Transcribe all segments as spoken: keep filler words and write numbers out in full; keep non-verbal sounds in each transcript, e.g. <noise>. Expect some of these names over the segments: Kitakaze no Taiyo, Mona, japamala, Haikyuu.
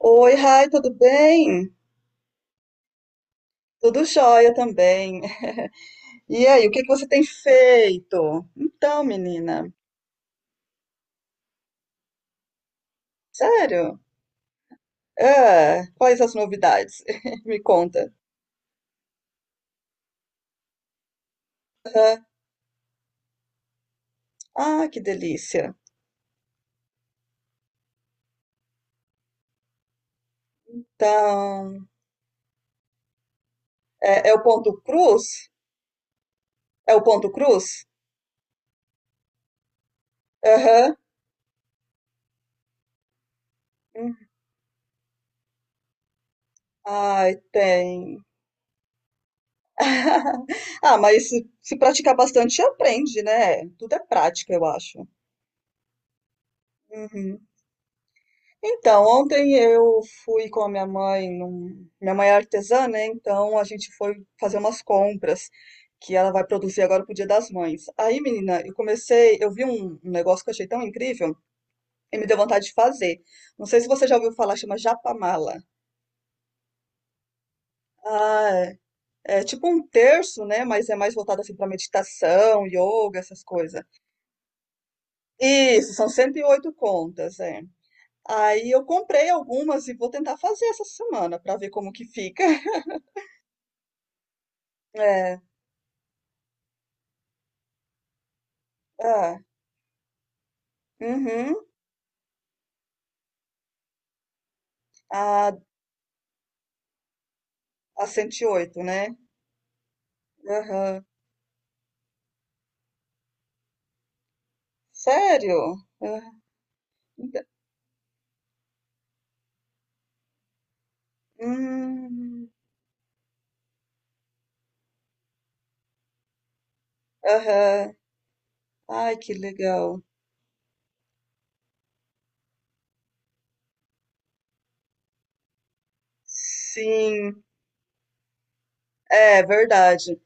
Oi, Rai, tudo bem? Tudo jóia também. E aí, o que que você tem feito? Então, menina, sério? Ah, quais as novidades? <laughs> Me conta. Ah, ah, que delícia. Então, é, é o ponto cruz? É o ponto cruz? Aham. Hum. Ai, tem. <laughs> Ah, mas se, se praticar bastante, aprende, né? Tudo é prática, eu acho. Uhum. Então, ontem eu fui com a minha mãe, num- minha mãe é artesã, né? Então a gente foi fazer umas compras que ela vai produzir agora pro Dia das Mães. Aí, menina, eu comecei, eu vi um, um negócio que eu achei tão incrível e me deu vontade de fazer. Não sei se você já ouviu falar, chama japamala. Ah, é, é tipo um terço, né? Mas é mais voltado assim para meditação, yoga, essas coisas. Isso, são cento e oito contas, é. Aí eu comprei algumas e vou tentar fazer essa semana para ver como que fica. <laughs> Ah, uhum. A a cento e oito, né? Aham. Sério? Ah, Ent hum. Aham. Ai, que legal. Sim. É, verdade.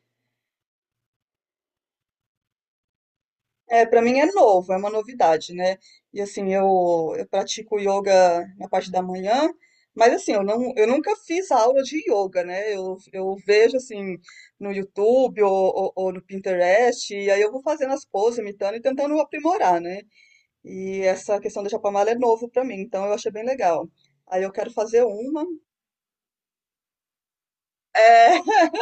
É, para mim é novo, é uma novidade, né. E, assim, eu eu pratico yoga na parte da manhã, mas, assim, eu não eu nunca fiz aula de yoga, né. Eu eu vejo, assim, no YouTube ou ou ou no Pinterest, e aí eu vou fazendo as poses, imitando e tentando aprimorar, né. E essa questão da chapamala é novo pra mim, então eu achei bem legal. Aí eu quero fazer uma. É. <laughs>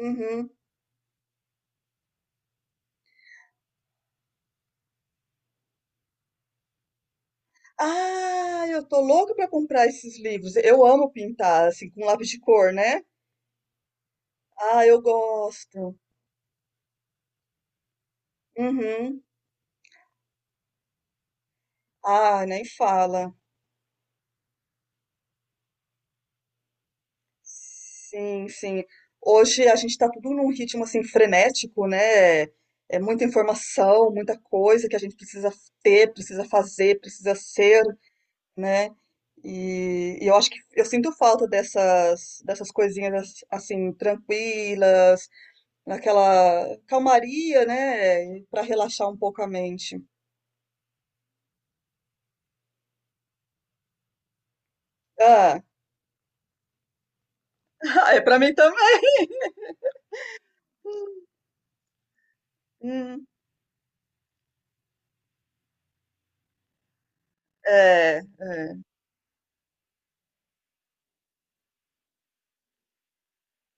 Uhum. Ah, eu tô louca pra comprar esses livros. Eu amo pintar, assim, com lápis de cor, né? Ah, eu gosto. Uhum. Ah, nem fala. Sim, sim. Hoje a gente tá tudo num ritmo, assim, frenético, né? É muita informação, muita coisa que a gente precisa ter, precisa fazer, precisa ser. Né? E, e eu acho que eu sinto falta dessas, dessas coisinhas as- assim, tranquilas, naquela calmaria, né? Pra relaxar um pouco a mente. Ah, <laughs> é pra mim também. Hum, é, é.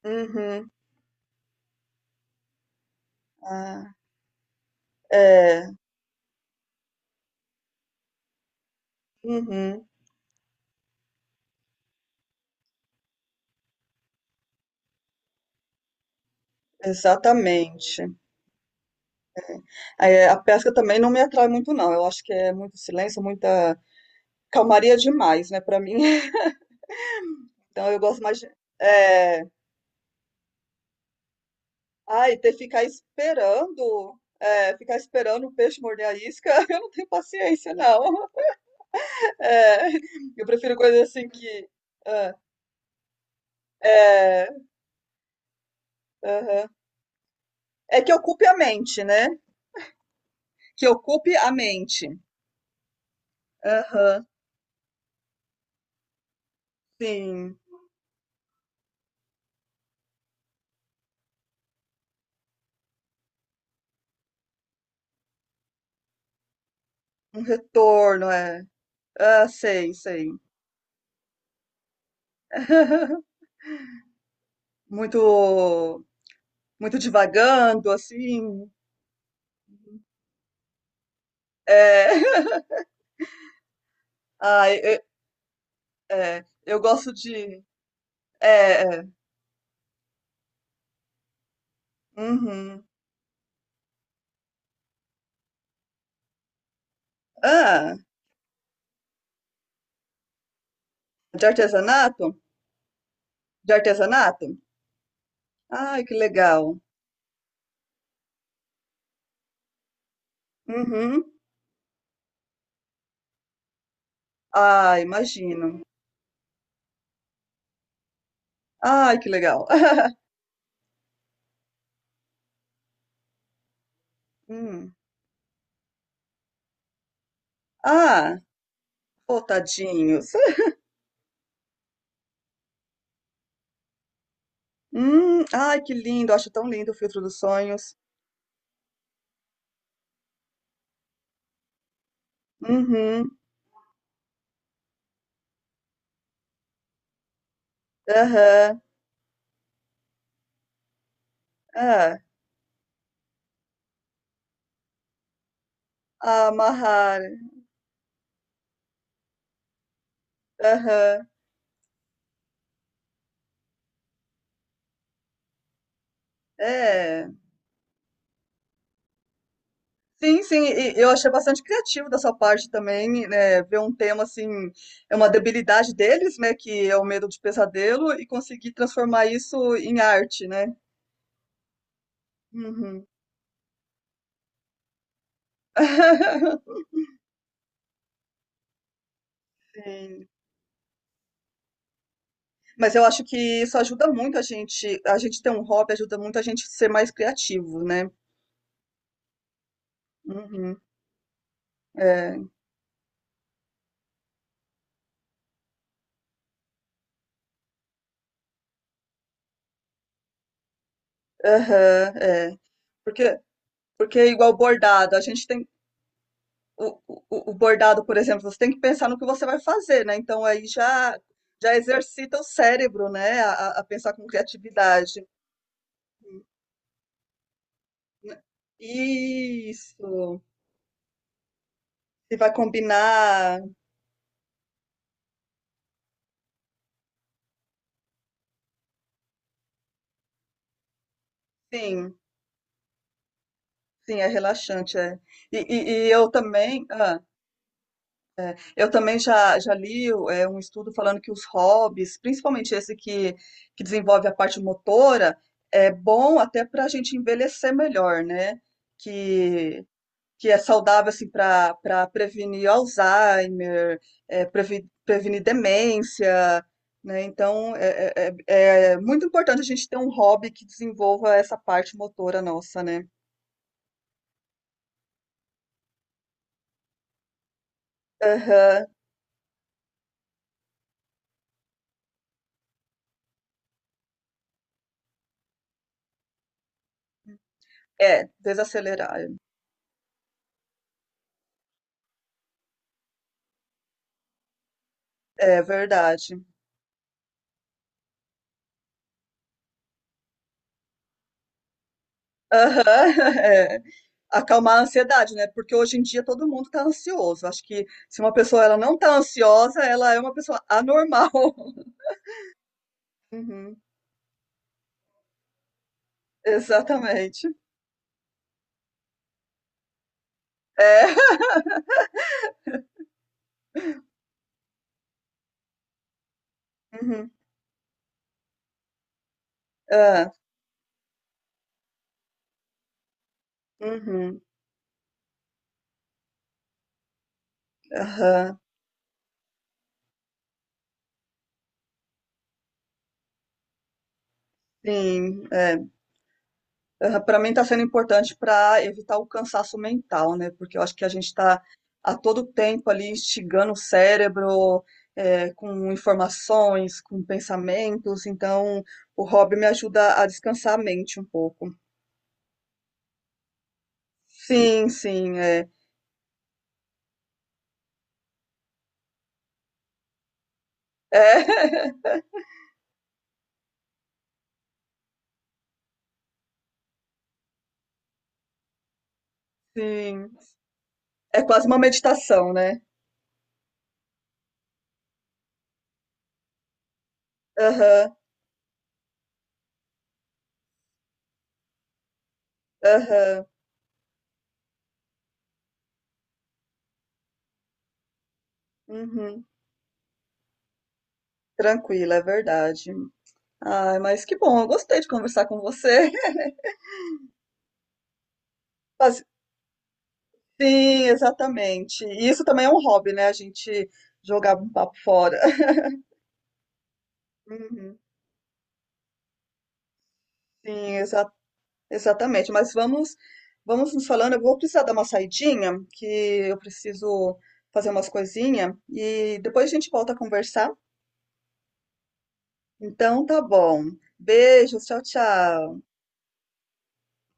Uhum. Ah, é. Uhum. Exatamente. É, a pesca também não me atrai muito, não. Eu acho que é muito silêncio, muita calmaria demais, né, pra mim. <laughs> Então eu gosto mais de. É, ai, ter que ficar esperando, eh, ficar esperando o peixe morder a isca, <laughs> eu não tenho paciência, não. É, eu prefiro coisas assim que. Ah, é, aham. É que ocupe a mente, né? Que ocupe a mente. Aham, sim. Um retorno, é. Ah, sei, sei. <laughs> Muito, muito divagando, assim. É. <laughs> Ai, eu, é, eu gosto de. É, é. Uhum. Ah. De artesanato? De artesanato? Ai, que legal. Uhum. Ah, imagino. Ai, que legal. <laughs> Hum. Ah, ô, tadinhos. Hum, ai, que lindo. Acho tão lindo o filtro dos sonhos. Uhum. Aham. É. Ah, amarrar. Aham. É. Sim, sim, e eu achei bastante criativo da sua parte também, né? Ver um tema assim, é uma debilidade deles, né? Que é o medo de pesadelo, e conseguir transformar isso em arte, né? Uhum. <laughs> Sim. Mas eu acho que isso ajuda muito a gente, a gente ter um hobby ajuda muito a gente ser mais criativo, né? Uhum. É. Aham, é. Porque, porque é igual bordado, a gente tem o, o, o bordado, por exemplo, você tem que pensar no que você vai fazer, né? Então aí já já exercita o cérebro, né? A, a a pensar com criatividade. Né? Isso. Se vai combinar, sim. Sim, é relaxante, é. E, e- e eu também, ah, eu também já, já li é, um estudo falando que os hobbies, principalmente esse que, que desenvolve a parte motora, é bom até para a gente envelhecer melhor, né? Que, que é saudável assim para para prevenir Alzheimer, é, previ- prevenir demência, né? Então é, é, é- é muito importante a gente ter um hobby que desenvolva essa parte motora nossa, né? Aham. É, desacelerar. É verdade. Aham, <laughs> é. Acalmar a ansiedade, né, porque hoje em dia todo mundo tá ansioso, acho que se uma pessoa ela não tá ansiosa, ela é uma pessoa anormal. <laughs> Uhum, exatamente. É. <laughs> Uhum. Hã. Uhum. Aham. Sim, é. Para mim está sendo importante para evitar o cansaço mental, né? Porque eu acho que a gente está a todo tempo ali instigando o cérebro eh, com informações, com pensamentos. Então, o hobby me ajuda a descansar a mente um pouco. Sim, sim, é. É, <laughs> sim. É quase uma meditação, né? Aham, aham, uhum. Tranquila, é verdade. Ai, mas que bom, eu gostei de conversar com você. <laughs> Sim, exatamente. E isso também é um hobby, né? A gente jogar um papo fora. <laughs> Uhum. Sim, exa- exatamente. Mas vamos, vamos nos falando. Eu vou precisar dar uma saidinha, que eu preciso fazer umas coisinhas e depois a gente volta a conversar. Então tá bom. Beijos, tchau, tchau.